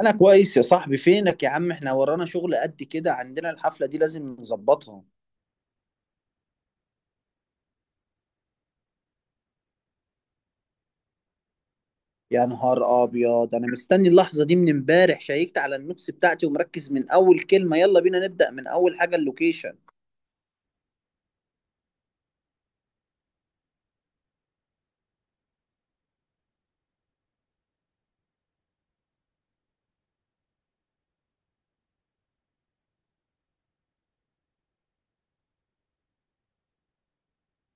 انا كويس يا صاحبي. فينك يا عم؟ احنا ورانا شغل قد كده، عندنا الحفلة دي لازم نظبطها. يا نهار ابيض، انا مستني اللحظة دي من امبارح. شيكت على النوتس بتاعتي ومركز من اول كلمة. يلا بينا نبدأ من اول حاجة: اللوكيشن.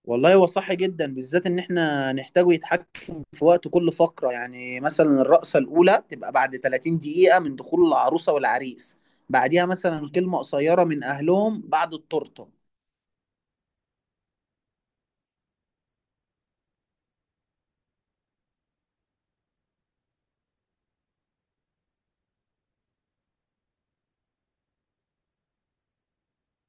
والله هو صح جدا، بالذات ان احنا نحتاجه يتحكم في وقت كل فقرة. يعني مثلا الرقصة الاولى تبقى بعد 30 دقيقة من دخول العروسة والعريس. بعديها مثلا كلمة قصيرة من اهلهم بعد التورتة.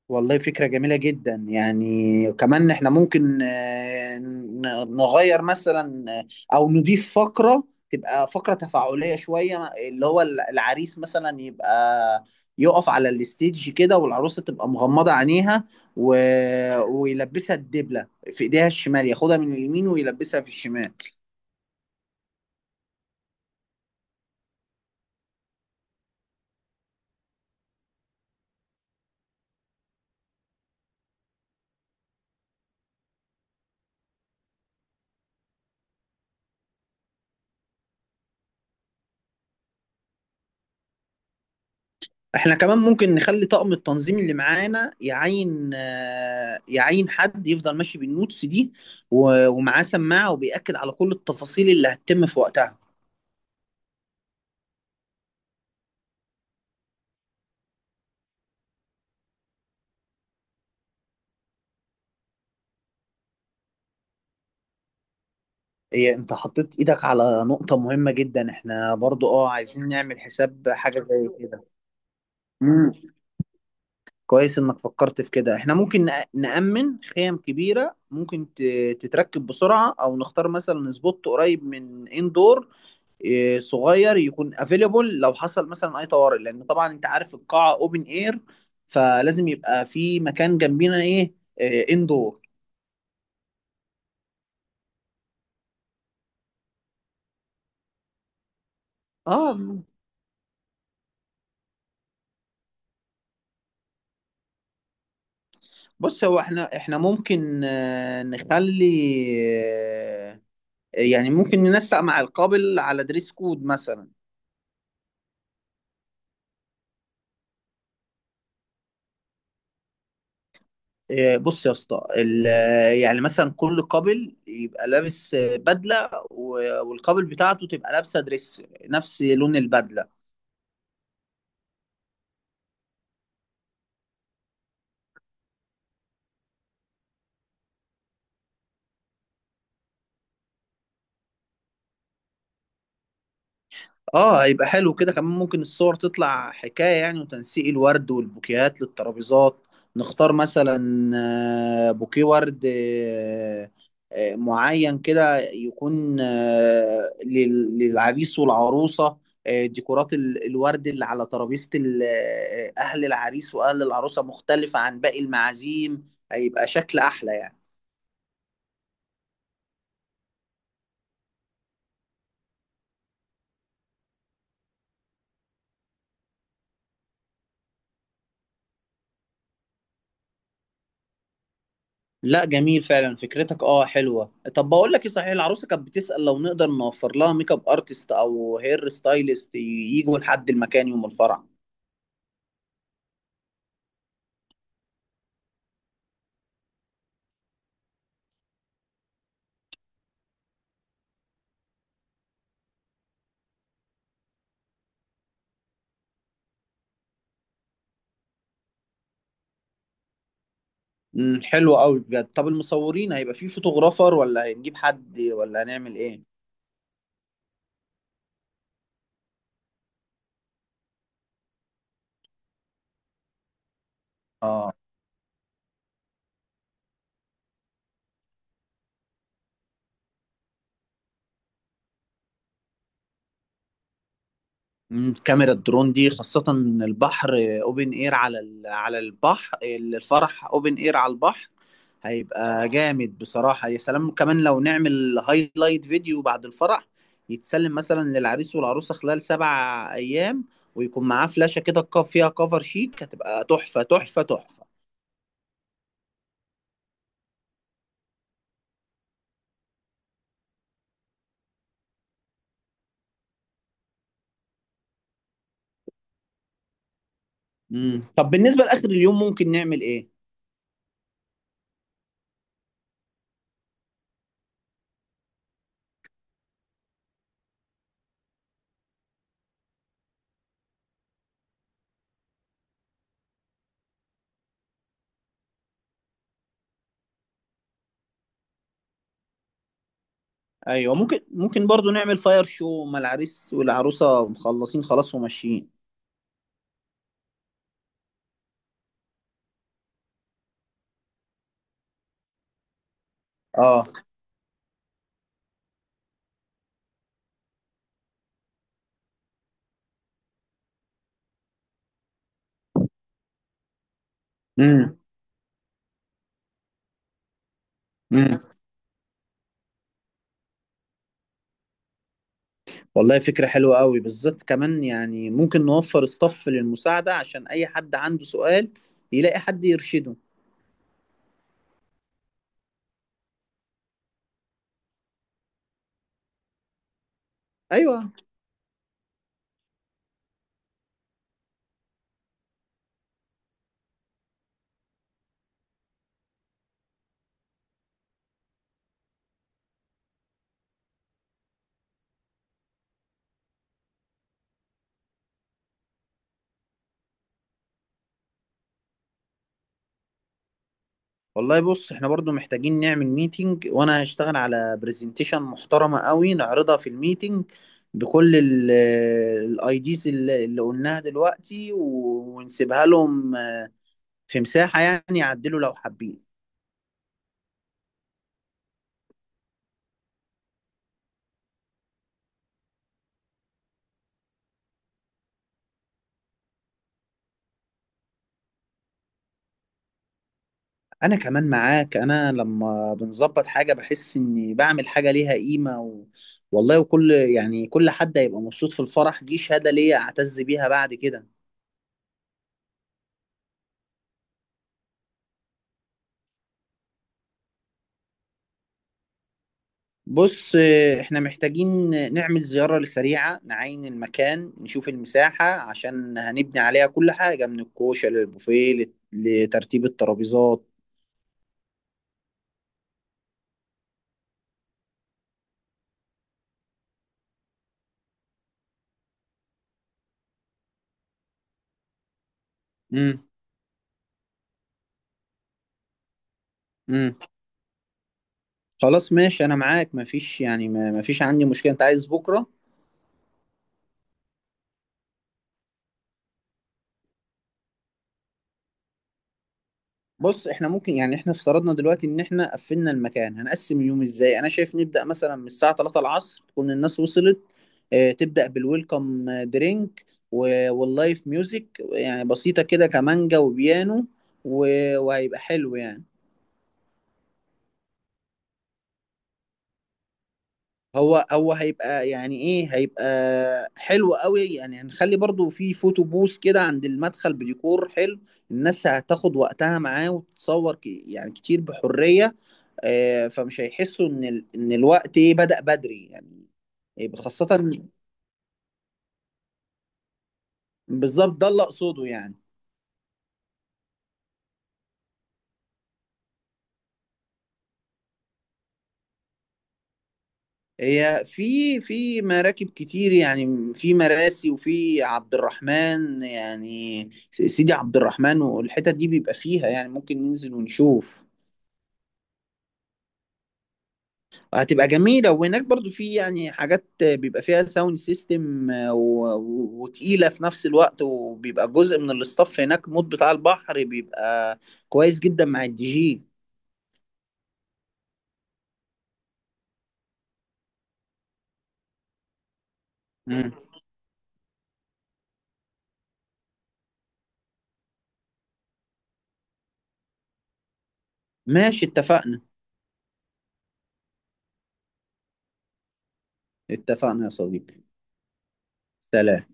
والله فكرة جميلة جدا. يعني كمان احنا ممكن نغير مثلا، او نضيف فقرة تبقى فقرة تفاعلية شوية. اللي هو العريس مثلا يبقى يقف على الستيج كده، والعروسة تبقى مغمضة عينيها، و... ويلبسها الدبلة في ايديها الشمال، ياخدها من اليمين ويلبسها في الشمال. احنا كمان ممكن نخلي طاقم التنظيم اللي معانا يعين حد يفضل ماشي بالنوتس دي، ومعاه سماعة وبيأكد على كل التفاصيل اللي هتتم في وقتها. إيه، انت حطيت ايدك على نقطة مهمة جدا. احنا برضو عايزين نعمل حساب حاجة زي كده. مم. كويس انك فكرت في كده. احنا ممكن نأمن خيم كبيرة ممكن تتركب بسرعة، او نختار مثلا سبوت قريب من اندور. صغير يكون افيلبل لو حصل مثلا اي طوارئ، لان طبعا انت عارف القاعه اوبن اير. فلازم يبقى في مكان جنبينا اندور. اه، بص. هو احنا ممكن آه، نخلي آه، يعني ممكن ننسق مع القابل على دريس كود مثلا. بص يا اسطى، يعني مثلا كل قابل يبقى لابس بدله، والقابل بتاعته تبقى لابسه دريس نفس لون البدله. اه، هيبقى حلو كده. كمان ممكن الصور تطلع حكاية يعني، وتنسيق الورد والبوكيهات للترابيزات. نختار مثلا بوكيه ورد معين كده، يكون للعريس والعروسة. ديكورات الورد اللي على ترابيزة أهل العريس وأهل العروسة مختلفة عن باقي المعازيم. هيبقى شكل أحلى يعني. لا، جميل فعلا فكرتك. اه، حلوه. طب بقول لك ايه، صحيح العروسه كانت بتسأل لو نقدر نوفر لها ميك اب ارتست او هير ستايلست يجوا لحد المكان يوم الفرح؟ امم، حلو قوي بجد. طب المصورين هيبقى في فوتوغرافر ولا هنجيب حد ولا هنعمل ايه؟ اه. مم، كاميرا الدرون دي خاصة البحر. اوبن اير على على البحر. الفرح اوبن اير على البحر. هيبقى جامد بصراحة. يا سلام كمان لو نعمل هايلايت فيديو بعد الفرح، يتسلم مثلا للعريس والعروسة خلال 7 أيام. ويكون معاه فلاشة كده فيها كفر شيك. هتبقى تحفة تحفة تحفة. مم. طب بالنسبة لآخر اليوم ممكن نعمل إيه؟ أيوة، ممكن برضو نعمل فاير شو ما العريس والعروسة مخلصين خلاص وماشيين. اه. امم. والله فكرة حلوة قوي. بالذات كمان يعني ممكن نوفر ستاف للمساعدة عشان أي حد عنده سؤال يلاقي حد يرشده. أيوة. والله بص، احنا برضو محتاجين نعمل ميتنج. وأنا هشتغل على برزنتيشن محترمة قوي نعرضها في الميتنج بكل الاي ديز اللي قلناها دلوقتي، ونسيبها لهم في مساحة يعني يعدلوا لو حابين. انا كمان معاك. انا لما بنظبط حاجه بحس اني بعمل حاجه ليها قيمه. والله وكل يعني كل حد هيبقى مبسوط في الفرح. دي شهاده ليا اعتز بيها بعد كده. بص، احنا محتاجين نعمل زياره سريعه نعاين المكان، نشوف المساحه عشان هنبني عليها كل حاجه من الكوشه للبوفيه لترتيب الترابيزات. امم. امم. خلاص ماشي، انا معاك. مفيش يعني مفيش عندي مشكله انت عايز بكره. بص، احنا ممكن يعني احنا افترضنا دلوقتي ان احنا قفلنا المكان. هنقسم اليوم ازاي؟ انا شايف نبدأ مثلا من الساعة 3 العصر تكون الناس وصلت. اه، تبدأ بالويلكم درينك واللايف ميوزك يعني بسيطة كده، كمانجا وبيانو، وهيبقى حلو يعني. هو هيبقى يعني ايه، هيبقى حلو قوي يعني. هنخلي برضو في فوتو بوث كده عند المدخل بديكور حلو. الناس هتاخد وقتها معاه وتتصور يعني كتير بحرية. فمش هيحسوا ان ان الوقت بدأ بدري يعني. خاصة. بالظبط، ده اللي اقصده يعني. هي في مراكب كتير يعني. في مراسي، وفي عبد الرحمن يعني سيدي عبد الرحمن. والحتت دي بيبقى فيها يعني. ممكن ننزل ونشوف. هتبقى جميلة. وهناك برضو في يعني حاجات بيبقى فيها ساوند سيستم وتقيلة في نفس الوقت. وبيبقى جزء من الاستاف هناك مود بتاع البحر بيبقى كويس جدا مع الدي جي. مم. ماشي اتفقنا. اتفقنا يا صديقي. سلام.